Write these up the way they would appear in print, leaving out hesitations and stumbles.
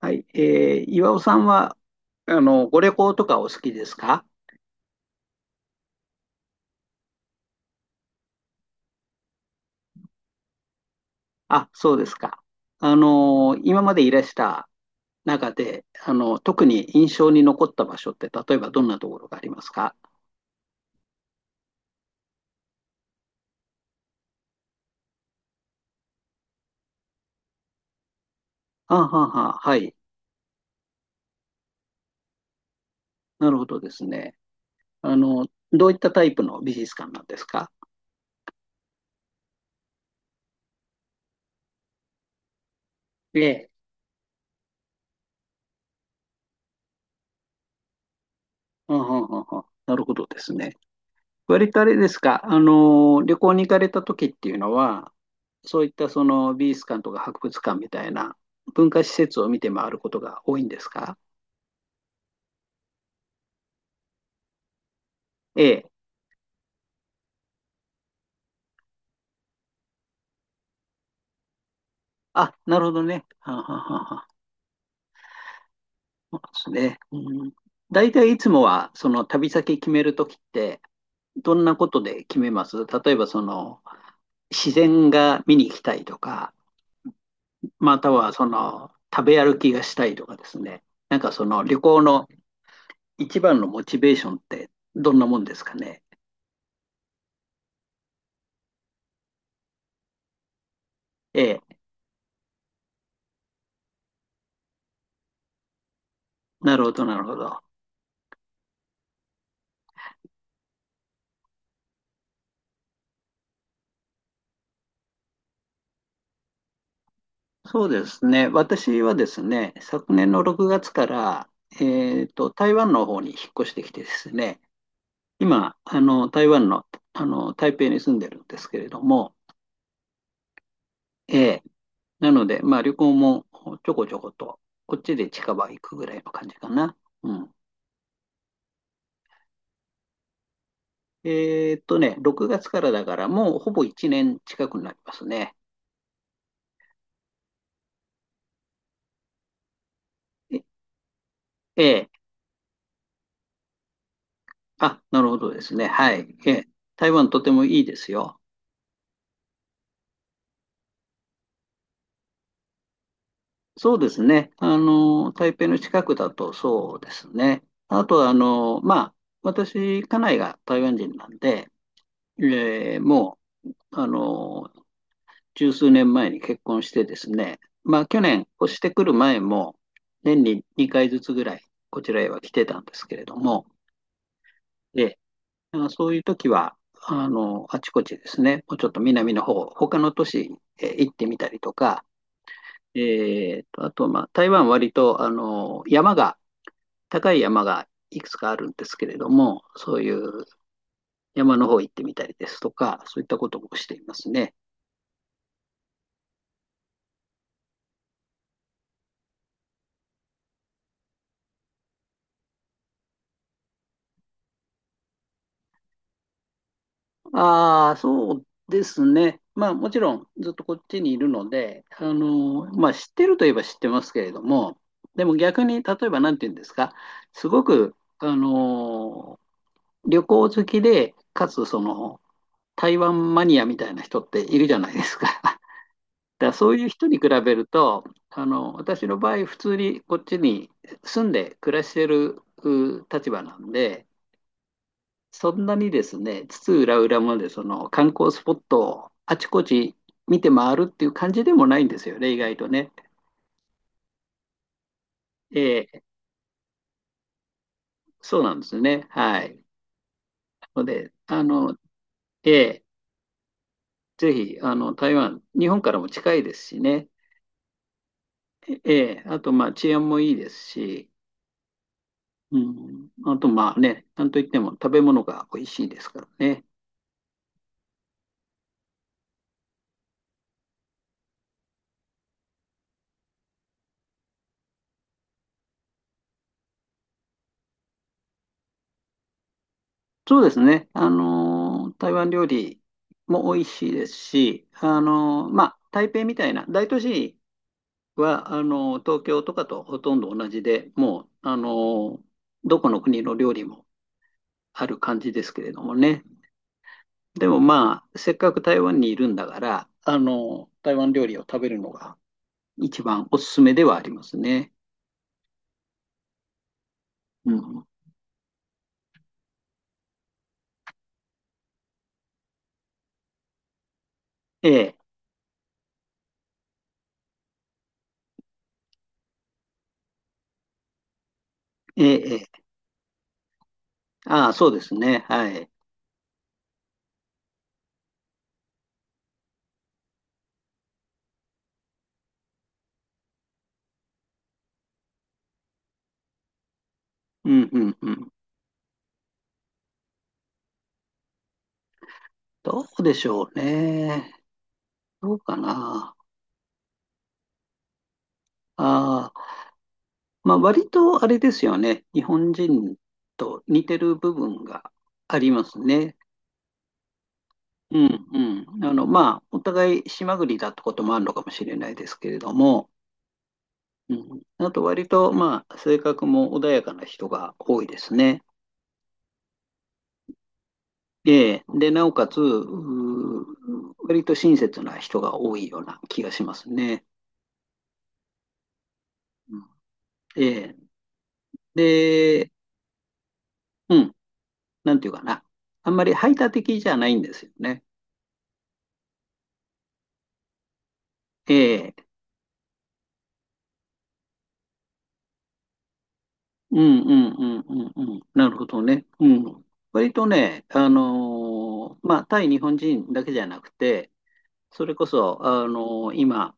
はい。岩尾さんは、ご旅行とかお好きですか？あ、そうですか。今までいらした中で、特に印象に残った場所って、例えばどんなところがありますか？あははは、はい。なるほどですね。あの、どういったタイプの美術館なんですか？ええ。あははは、なるほどですね。割とあれですか、旅行に行かれた時っていうのは、そういったその美術館とか博物館みたいな文化施設を見て回ることが多いんですか？ええ。あ、なるほどね。はんはんはんはん。そうですね。うん、大体いつもは、その旅先決める時って、どんなことで決めます？例えば、自然が見に行きたいとか、または、食べ歩きがしたいとかですね。なんかその旅行の一番のモチベーションってどんなもんですかね。ええ、なるほど、なるほど。そうですね。私はですね、昨年の6月から、えっと、台湾の方に引っ越してきてですね、今、台湾の、台北に住んでるんですけれども、ええ、なので、まあ、旅行もちょこちょこと、こっちで近場行くぐらいの感じかな。うん。えっとね、6月からだから、もうほぼ1年近くになりますね。ええ、あ、なるほどですね。はい。ええ、台湾とてもいいですよ。そうですね。台北の近くだとそうですね。あとは、まあ、私、家内が台湾人なんで、えーもう、十数年前に結婚してですね、まあ、去年、越してくる前も、年に2回ずつぐらい、こちらへは来てたんですけれども、ええ、まあそういう時は、あちこちですね、もうちょっと南の方、他の都市へ行ってみたりとか、あと、まあ、台湾割と、山が、高い山がいくつかあるんですけれども、そういう山の方行ってみたりですとか、そういったこともしていますね。ああ、そうですね。まあ、もちろんずっとこっちにいるので、まあ、知ってるといえば知ってますけれども、でも逆に、例えば何て言うんですか、すごく、あの、旅行好きで、かつその、台湾マニアみたいな人っているじゃないですか。だからそういう人に比べると、私の場合、普通にこっちに住んで暮らしてる立場なんで、そんなにですね、津々浦々までその観光スポットをあちこち見て回るっていう感じでもないんですよね、意外とね。えーそうなんですね。はい。なので、えーぜひ、台湾、日本からも近いですしね。えーあと、まあ、治安もいいですし、うん、あと、まあね、なんといっても食べ物が美味しいですからね。そうですね。台湾料理も美味しいですし、まあ、台北みたいな大都市は、東京とかとほとんど同じで、もう、ー、どこの国の料理もある感じですけれどもね。でもまあ、せっかく台湾にいるんだから、台湾料理を食べるのが一番おすすめではありますね。うん。ええ、ええ、え、ああ、そうですね。はい。うん、うん、うん。どうでしょうね。どうかな。ああ、まあ、割とあれですよね。日本人と似てる部分がありますね。うん、うん。まあ、お互い島国だってこともあるのかもしれないですけれども、うん、あと割と、まあ、性格も穏やかな人が多いですね。で、で、なおかつ、うー割と親切な人が多いような気がしますね。うんええで、うん、なんていうかな。あんまり排他的じゃないんですよね。ええ、うんうんうんうんうん。なるほどね。うん。割とね、まあ、対日本人だけじゃなくて、それこそ、今、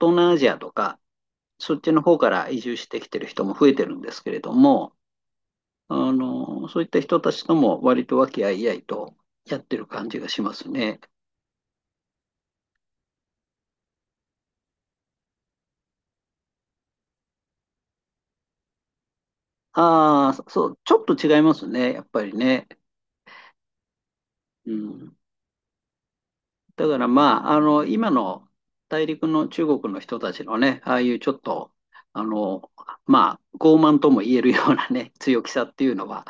東南アジアとか、そっちの方から移住してきてる人も増えてるんですけれども、そういった人たちとも割と和気あいあいとやってる感じがしますね。ああ、そう、ちょっと違いますね、やっぱりね。うん、だからまあ、今の大陸の中国の人たちのね、ああいうちょっと、あの、まあ、傲慢とも言えるようなね、強気さっていうのは、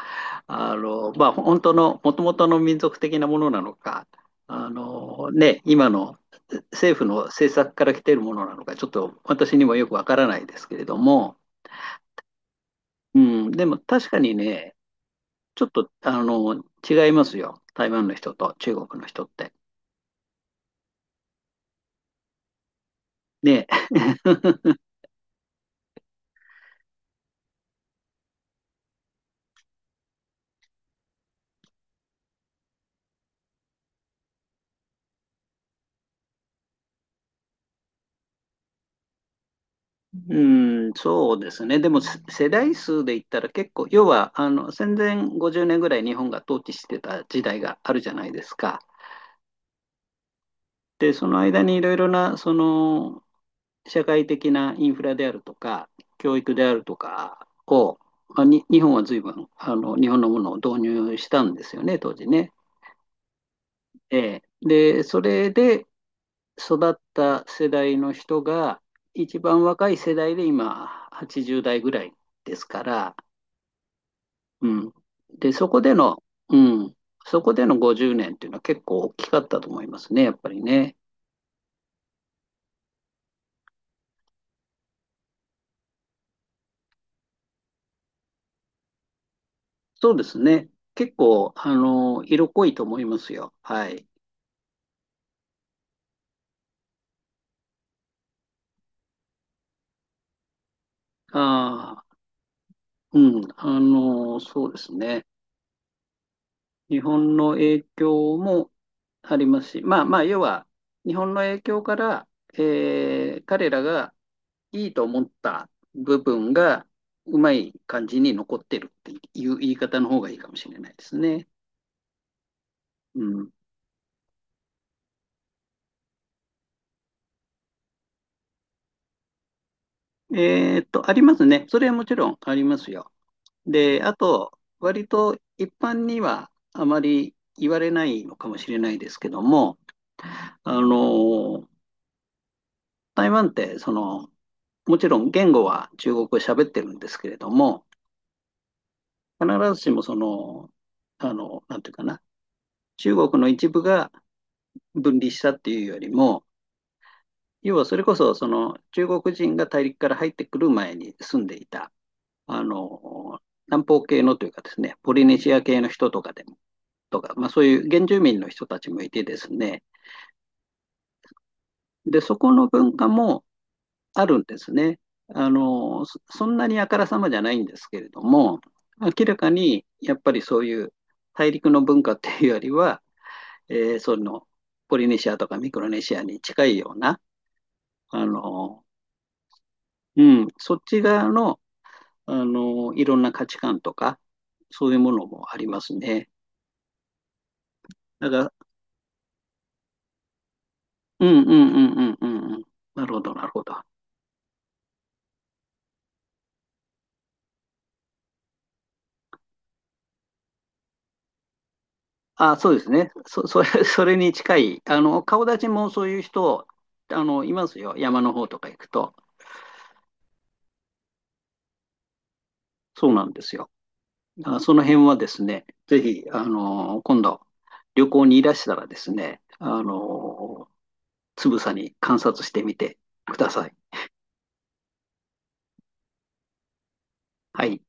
まあ、本当の、もともとの民族的なものなのか、ね、今の政府の政策から来ているものなのか、ちょっと私にもよくわからないですけれども、うん、でも確かにね、ちょっと、違いますよ。台湾の人と中国の人って。ね。うん、そうですね。でもせ世代数で言ったら結構、要はあの戦前50年ぐらい日本が統治してた時代があるじゃないですか。で、その間にいろいろなその社会的なインフラであるとか、教育であるとかを、まあ、に日本は随分あの日本のものを導入したんですよね、当時ね。ええで、それで育った世代の人が、一番若い世代で今、80代ぐらいですから、うん。で、そこでの、うん、そこでの50年っていうのは結構大きかったと思いますね、やっぱりね。そうですね。結構、色濃いと思いますよ。はい。ああ、うん、そうですね。日本の影響もありますし、まあまあ、要は、日本の影響から、えー彼らがいいと思った部分が、うまい感じに残ってるっていう言い方の方がいいかもしれないですね。うん、えーっと、ありますね。それはもちろんありますよ。で、あと、割と一般にはあまり言われないのかもしれないですけども、あの、台湾って、もちろん言語は中国語喋ってるんですけれども、必ずしもその、なんていうかな、中国の一部が分離したっていうよりも、要はそれこそその中国人が大陸から入ってくる前に住んでいたあの、南方系のというかですね、ポリネシア系の人とかでも、とか、まあそういう原住民の人たちもいてですね、で、そこの文化もあるんですね。そんなにあからさまじゃないんですけれども、明らかにやっぱりそういう大陸の文化っていうよりは、えーそのポリネシアとかミクロネシアに近いような、あの、うん、そっち側の、いろんな価値観とか、そういうものもありますね。だからうんうんうんうんうんうん。なるほど、なるほど。あ、そうですね。それに近い。顔立ちもそういう人、いますよ。山の方とか行くと。そうなんですよ。だからその辺はですね、ぜひ、今度、旅行にいらしたらですね、つぶさに観察してみてください。はい。